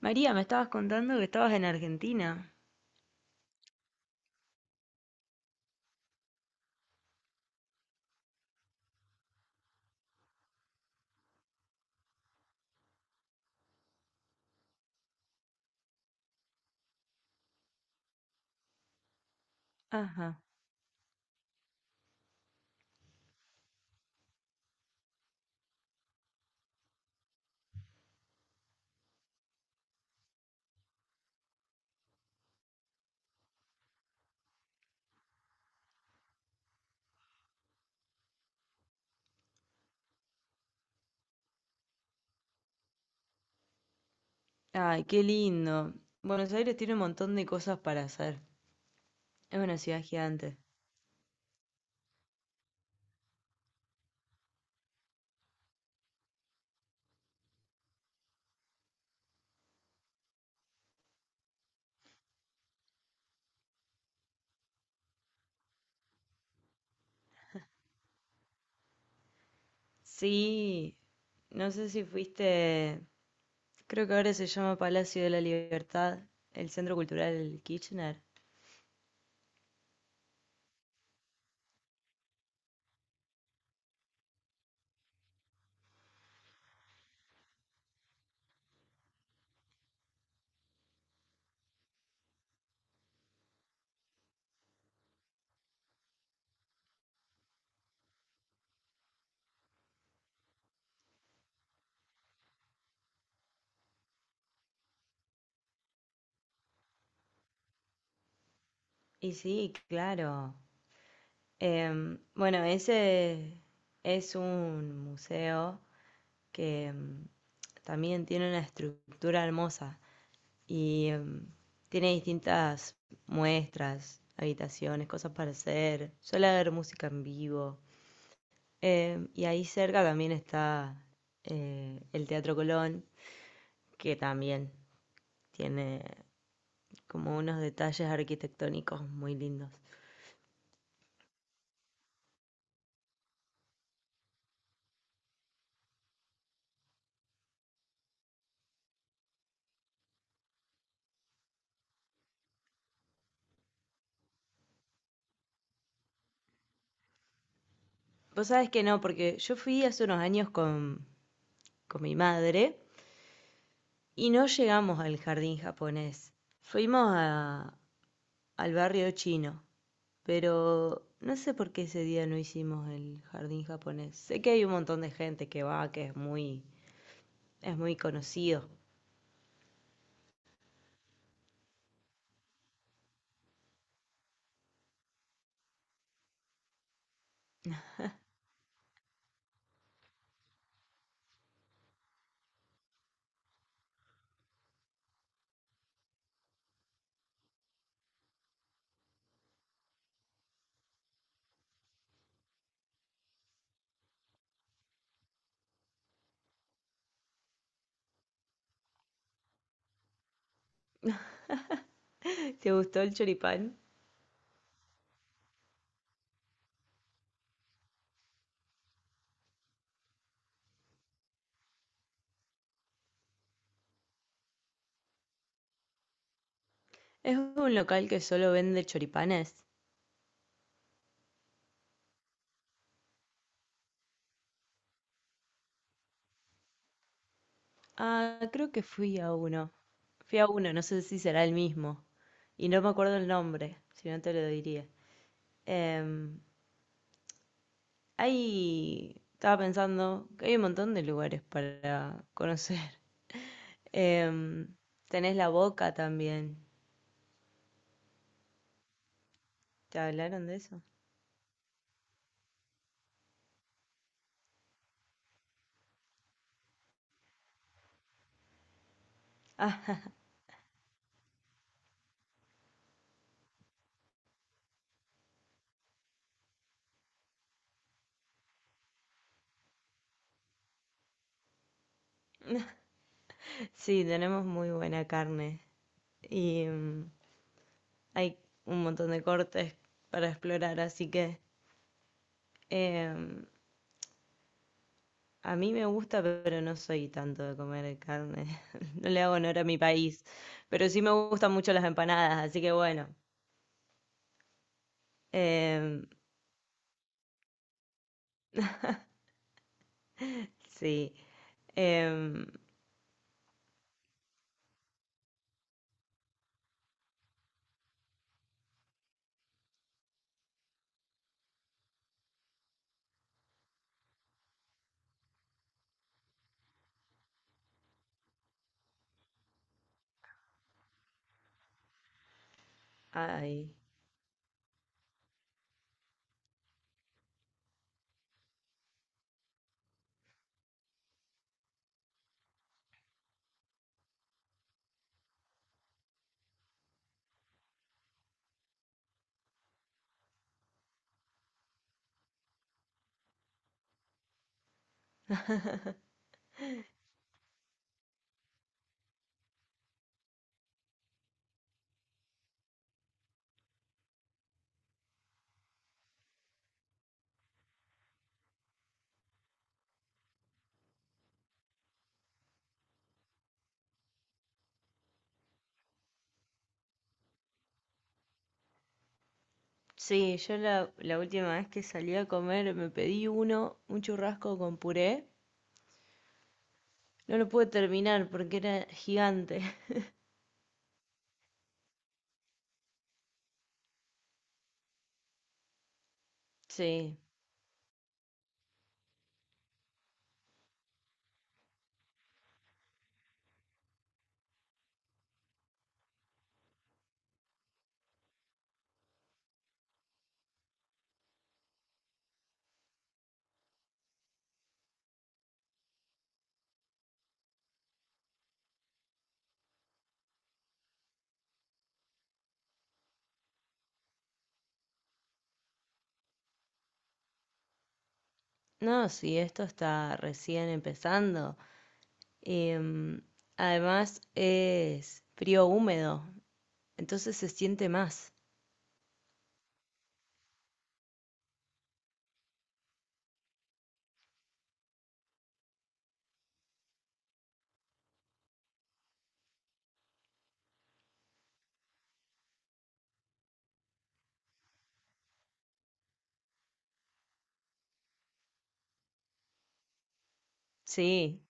María, me estabas contando que estabas en Argentina. Ajá. Ay, qué lindo. Buenos Aires tiene un montón de cosas para hacer. Es una ciudad gigante. Sí, no sé si fuiste, creo que ahora se llama Palacio de la Libertad, el Centro Cultural Kirchner. Y sí, claro. Bueno, ese es un museo que también tiene una estructura hermosa. Y tiene distintas muestras, habitaciones, cosas para hacer. Suele haber música en vivo. Y ahí cerca también está el Teatro Colón, que también tiene como unos detalles arquitectónicos muy lindos. Vos sabés que no, porque yo fui hace unos años con mi madre y no llegamos al jardín japonés. Fuimos a- Al barrio chino. Pero no sé por qué ese día no hicimos el jardín japonés. Sé que hay un montón de gente que va, es muy conocido. ¿Te gustó el choripán? Es un local que solo vende choripanes. Ah, creo que fui a uno. Fui a uno, no sé si será el mismo. Y no me acuerdo el nombre, si no te lo diría. Em, Estaba pensando que hay un montón de lugares para conocer. Em, Tenés la Boca también. ¿Te hablaron de eso? Ah, sí, tenemos muy buena carne y hay un montón de cortes para explorar, así que em, a mí me gusta, pero no soy tanto de comer carne. No le hago honor a mi país, pero sí me gustan mucho las empanadas, así que bueno, em, sí. em, ay. Sí, la última vez que salí a comer me pedí un churrasco con puré. No lo pude terminar porque era gigante. Sí. No, sí, esto está recién empezando. Em, Además es frío húmedo, entonces se siente más. Sí,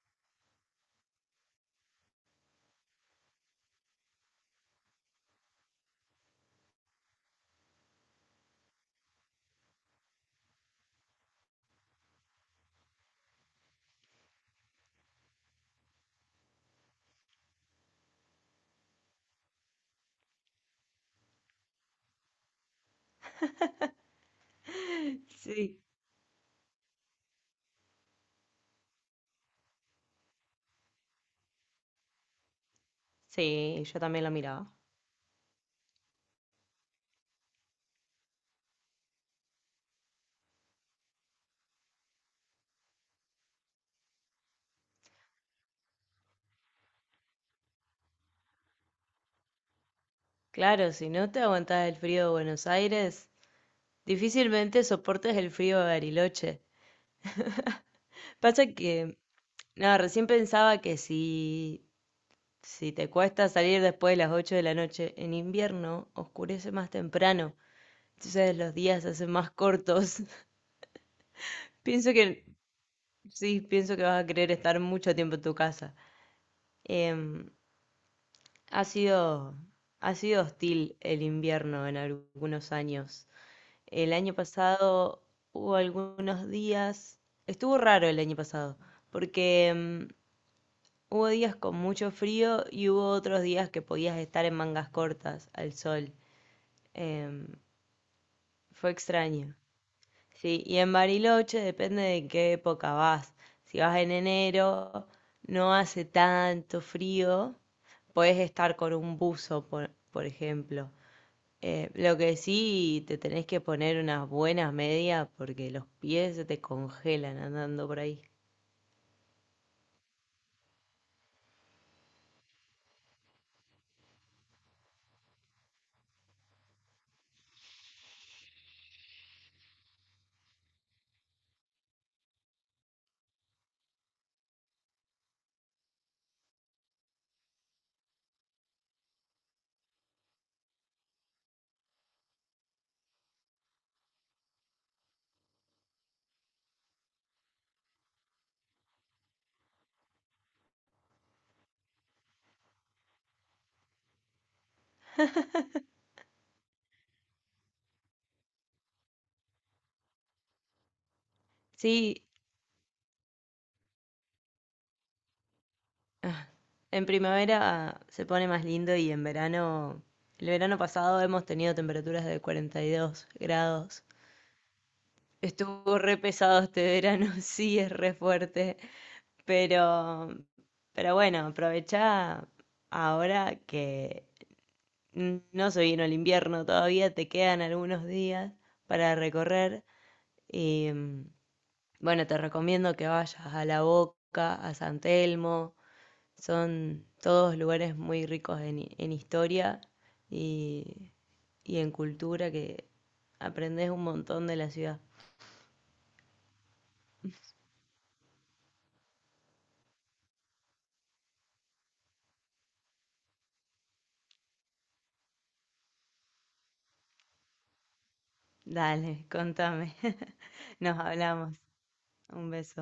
sí, sí, yo también lo miraba. Claro, si no te aguantas el frío de Buenos Aires, difícilmente soportes el frío de Bariloche. Pasa que, no, recién pensaba que si te cuesta salir después de las 8 de la noche en invierno, oscurece más temprano, entonces los días se hacen más cortos. Pienso que Sí, pienso que vas a querer estar mucho tiempo en tu casa. Em, ha sido, Ha sido hostil el invierno en algunos años. El año pasado hubo algunos días, estuvo raro el año pasado, porque hubo días con mucho frío y hubo otros días que podías estar en mangas cortas al sol. Em, Fue extraño. Sí, y en Bariloche depende de en qué época vas. Si vas en enero, no hace tanto frío, puedes estar con un buzo, por ejemplo. Lo que sí, te tenés que poner unas buenas medias porque los pies se te congelan andando por ahí. Sí, ah, en primavera se pone más lindo y en verano, el verano pasado hemos tenido temperaturas de 42 grados. Estuvo re pesado este verano, sí, es re fuerte, pero, pero bueno, aprovechá ahora que no se vino el invierno todavía, te quedan algunos días para recorrer y bueno, te recomiendo que vayas a La Boca, a San Telmo, son todos lugares muy ricos en historia y, y en cultura que aprendes un montón de la ciudad. Dale, contame. Nos hablamos. Un beso.